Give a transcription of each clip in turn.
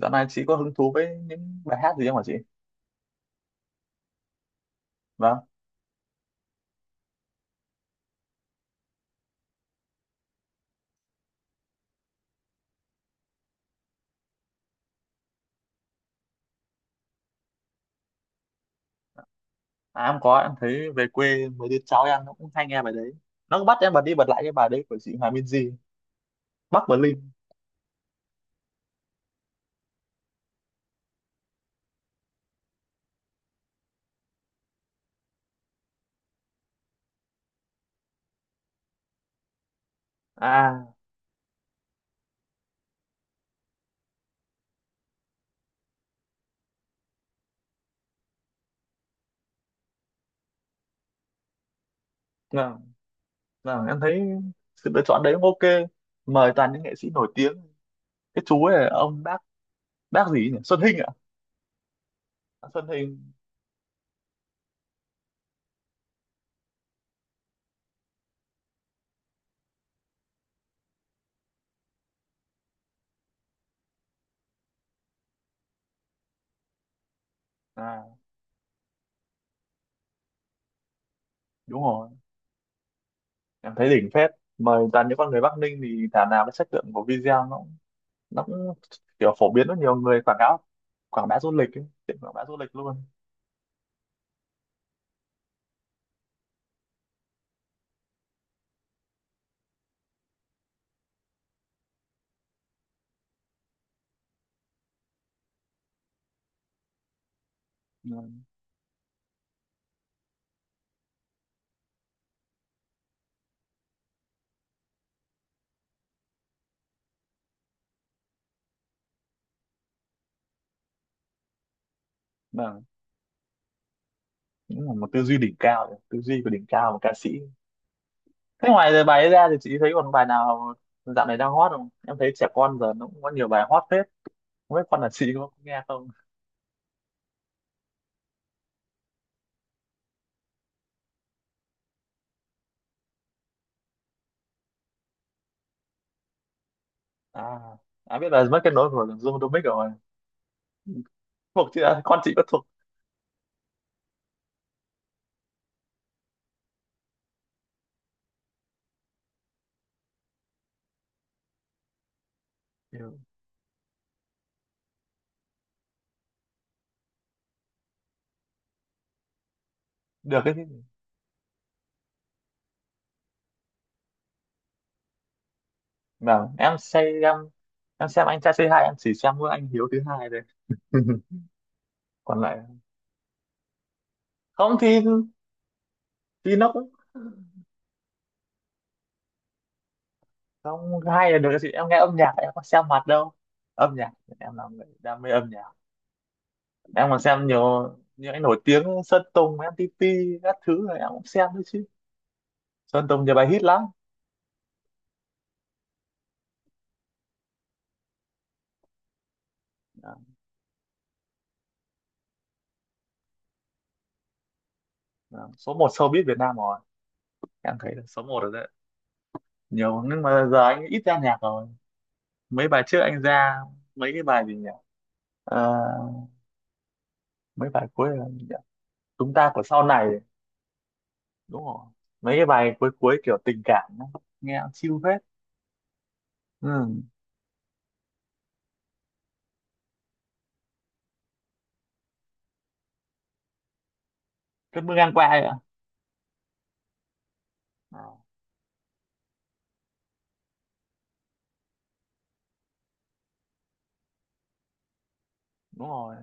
Dạo này chị có hứng thú với những bài hát gì không hả chị? Vâng. À, em có. Em thấy về quê mấy đứa cháu em nó cũng hay nghe bài đấy. Nó cứ bắt em bật đi bật lại cái bài đấy của chị Hòa Minzy. Bắc Berlin. À. Vâng, vâng, em thấy sự lựa chọn đấy cũng ok, mời toàn những nghệ sĩ nổi tiếng. Cái chú ấy là ông bác gì ấy nhỉ? Xuân Hinh ạ? À? Xuân Hinh. À, đúng rồi. Em thấy đỉnh phết, mời toàn những con người Bắc Ninh thì thảo nào cái chất lượng của video nó cũng kiểu phổ biến rất nhiều người quảng cáo, quảng bá du lịch ấy, tiện quảng bá du lịch luôn. Vâng. Vâng, cũng là một tư duy đỉnh cao, tư duy của đỉnh cao của ca sĩ. Thế ngoài giờ bài ấy ra thì chị thấy còn bài nào dạo này đang hot không? Em thấy trẻ con giờ nó cũng có nhiều bài hot phết, không biết con là chị có nghe không. À, à, biết là mất kết nối của Dương Domic rồi. Thuộc chị à, con chị có thuộc. Hiểu. Được cái gì? Vâng, em xem anh trai c hai, em chỉ xem mỗi anh Hiếu thứ hai thôi. Còn lại không thì nó cũng không, hay là được chị, em nghe âm nhạc em có xem mặt đâu. Âm nhạc. Em là người đam mê âm nhạc. Em còn xem nhiều những cái nổi tiếng Sơn Tùng Em MTP, các thứ này em cũng xem đấy chứ. Sơn Tùng nhiều bài hit lắm. Đó, đó. Số một showbiz Việt Nam rồi. Em thấy là số một rồi đấy. Nhiều nhưng mà giờ anh ít ra nhạc rồi. Mấy bài trước anh ra, mấy cái bài gì nhỉ? Ờ, mấy bài cuối là gì nhỉ? Chúng ta của sau này, đúng rồi. Mấy cái bài cuối cuối kiểu tình cảm ấy, nghe chill hết. Ừ. Cơn mưa ngang qua ấy ạ. Ờ, đúng rồi.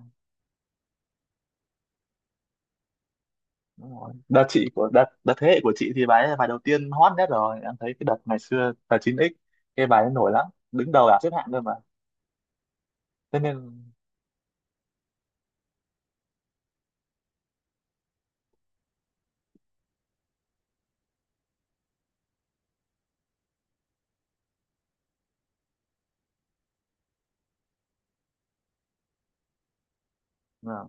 Đúng rồi. Đợt chị của đợt đợt thế hệ của chị thì bài ấy bài đầu tiên hot nhất rồi. Em thấy cái đợt ngày xưa là 9x, cái bài ấy nổi lắm, đứng đầu bảng xếp hạng cơ mà. Thế nên à,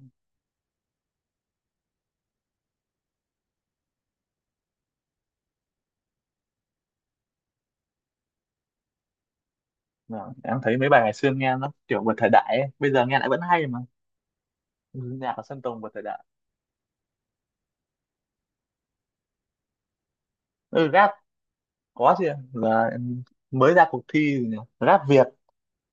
à, em thấy mấy bài ngày xưa nghe nó kiểu vượt thời đại ấy. Bây giờ nghe lại vẫn hay mà. Ừ, nhạc của Sơn Tùng vượt thời đại. Ừ, rap, có chứ. Là em mới ra cuộc thi gì nhỉ? Rap Việt,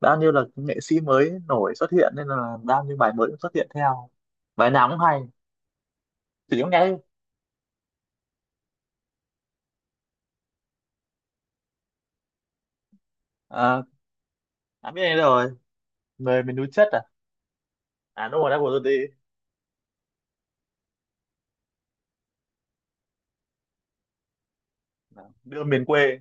bao nhiêu là nghệ sĩ mới nổi xuất hiện nên là bao nhiêu bài mới cũng xuất hiện theo. Bài nào cũng hay. Chỉ có nghe. À, đã biết đây rồi. Người miền núi chất à. À, đúng rồi đã vừa rồi đi. Vâng, đưa miền quê.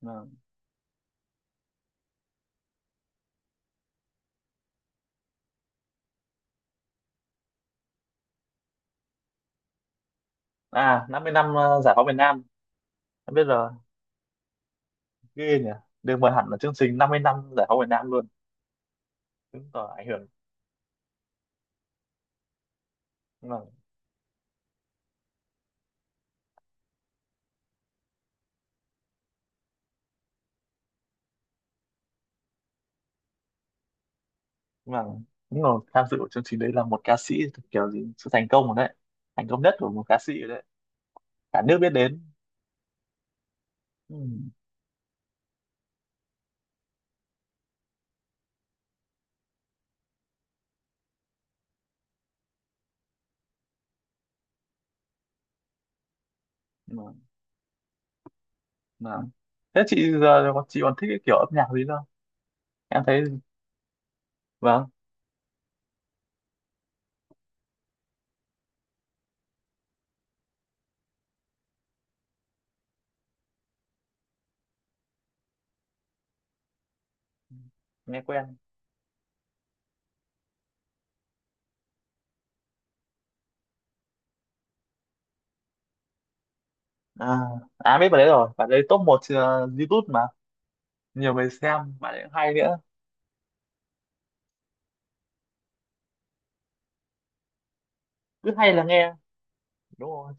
Vâng. À, 50 năm giải phóng miền Nam. Em biết rồi. Ghê nhỉ, được mời hẳn là chương trình 50 năm giải phóng miền Nam luôn. Chứng tỏ ảnh hưởng mà. Mà đúng rồi, tham dự của chương trình đấy là một ca sĩ, kiểu gì sự thành công rồi đấy, thành công nhất của một ca sĩ rồi đấy. Cả nước biết đến. Ừ. Mà, mà. Thế chị giờ chị còn thích cái kiểu âm nhạc gì không? Em thấy. Vâng, nghe quen. À, à, biết bài đấy rồi, bài đấy top 1 YouTube mà, nhiều người xem bài đấy cũng hay nữa. Cứ hay là nghe, đúng rồi.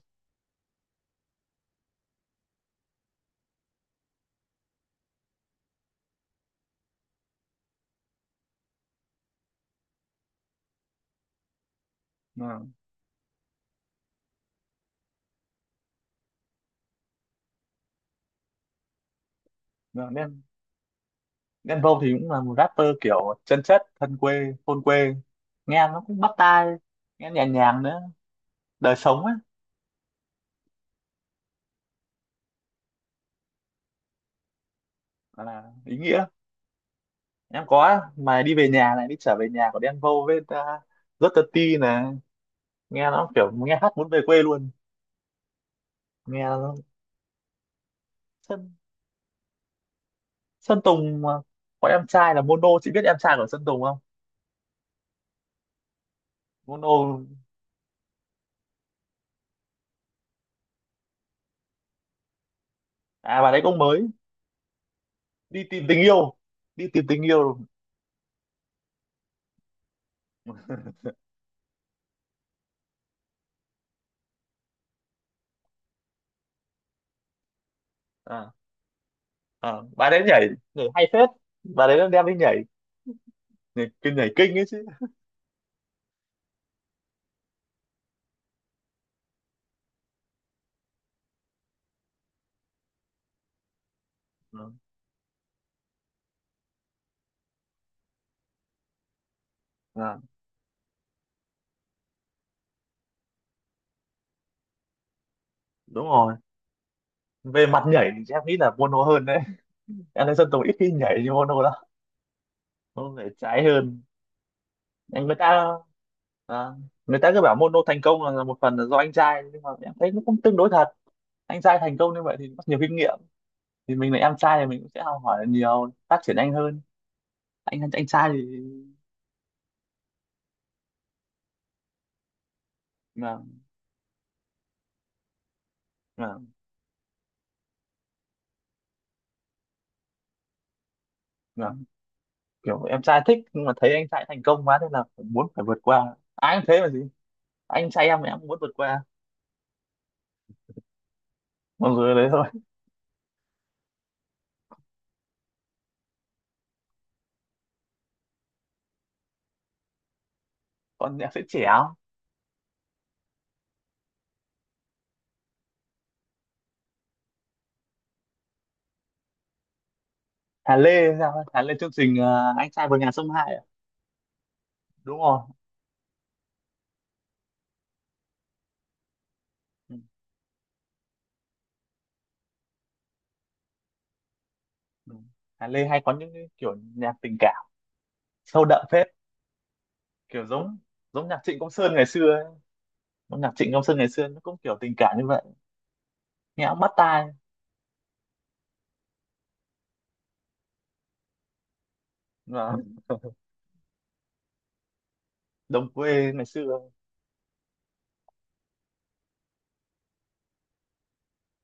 Vâng. Ờ, Đen. Đen Vâu thì cũng là một rapper kiểu chân chất thân quê thôn quê, nghe nó cũng bắt tai, nghe nhẹ nhàng nữa. Đời sống ấy là ý nghĩa. Em có mà, đi về nhà này, đi trở về nhà của Đen Vâu với rất tự ti này, nghe nó kiểu nghe hát muốn về quê luôn. Nghe nó. Sơn Sơn Tùng mà. Có em trai là Mono, chị biết em trai của Sơn Tùng không? Mono. À, bà đấy cũng mới đi tìm tình yêu, đi tìm tình yêu. À, à, bà đấy nhảy, nhảy hay phết, bà đấy đem đi nhảy, nhảy, cái nhảy kinh ấy chứ. Ờ, à, đúng rồi. Về mặt nhảy thì em nghĩ là Bono hơn đấy. Anderson Tùng ít khi nhảy như Bono lắm. Bono nhảy trái hơn. Anh người ta. À, người ta cứ bảo Bono thành công là một phần là do anh trai, nhưng mà em thấy nó cũng tương đối thật. Anh trai thành công như vậy thì có nhiều kinh nghiệm, thì mình là em trai thì mình cũng sẽ học hỏi nhiều, phát triển nhanh hơn. Anh trai thì mà, mà, mà, kiểu em trai thích nhưng mà thấy anh trai thành công quá nên là phải muốn, phải vượt qua, ai cũng thế mà gì. Anh trai em thì em cũng muốn vượt qua mọi người đấy thôi. Con nhạc sẽ trẻ không? Hà Lê, hay sao Hà Lê chương trình anh trai vượt ngàn sông Hai à? Đúng rồi. Ừ. Ừ. Hà Lê hay có những cái kiểu nhạc tình cảm sâu đậm phết, kiểu giống, giống nhạc Trịnh Công Sơn ngày xưa ấy. Giống nhạc Trịnh Công Sơn ngày xưa nó cũng kiểu tình cảm như vậy, nghe cũng bắt tai. Và đồng quê ngày xưa.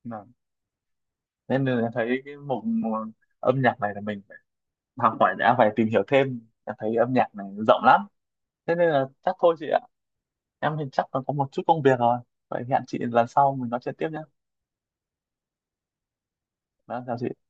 Mà- Nên là em thấy cái mục mục âm nhạc này là mình phải học hỏi đã, phải tìm hiểu thêm. Em thấy âm nhạc này rộng lắm, thế nên là chắc thôi chị ạ. Em thì chắc là có một chút công việc rồi, vậy hẹn chị lần sau mình nói chuyện tiếp nhé. Vâng, chào chị.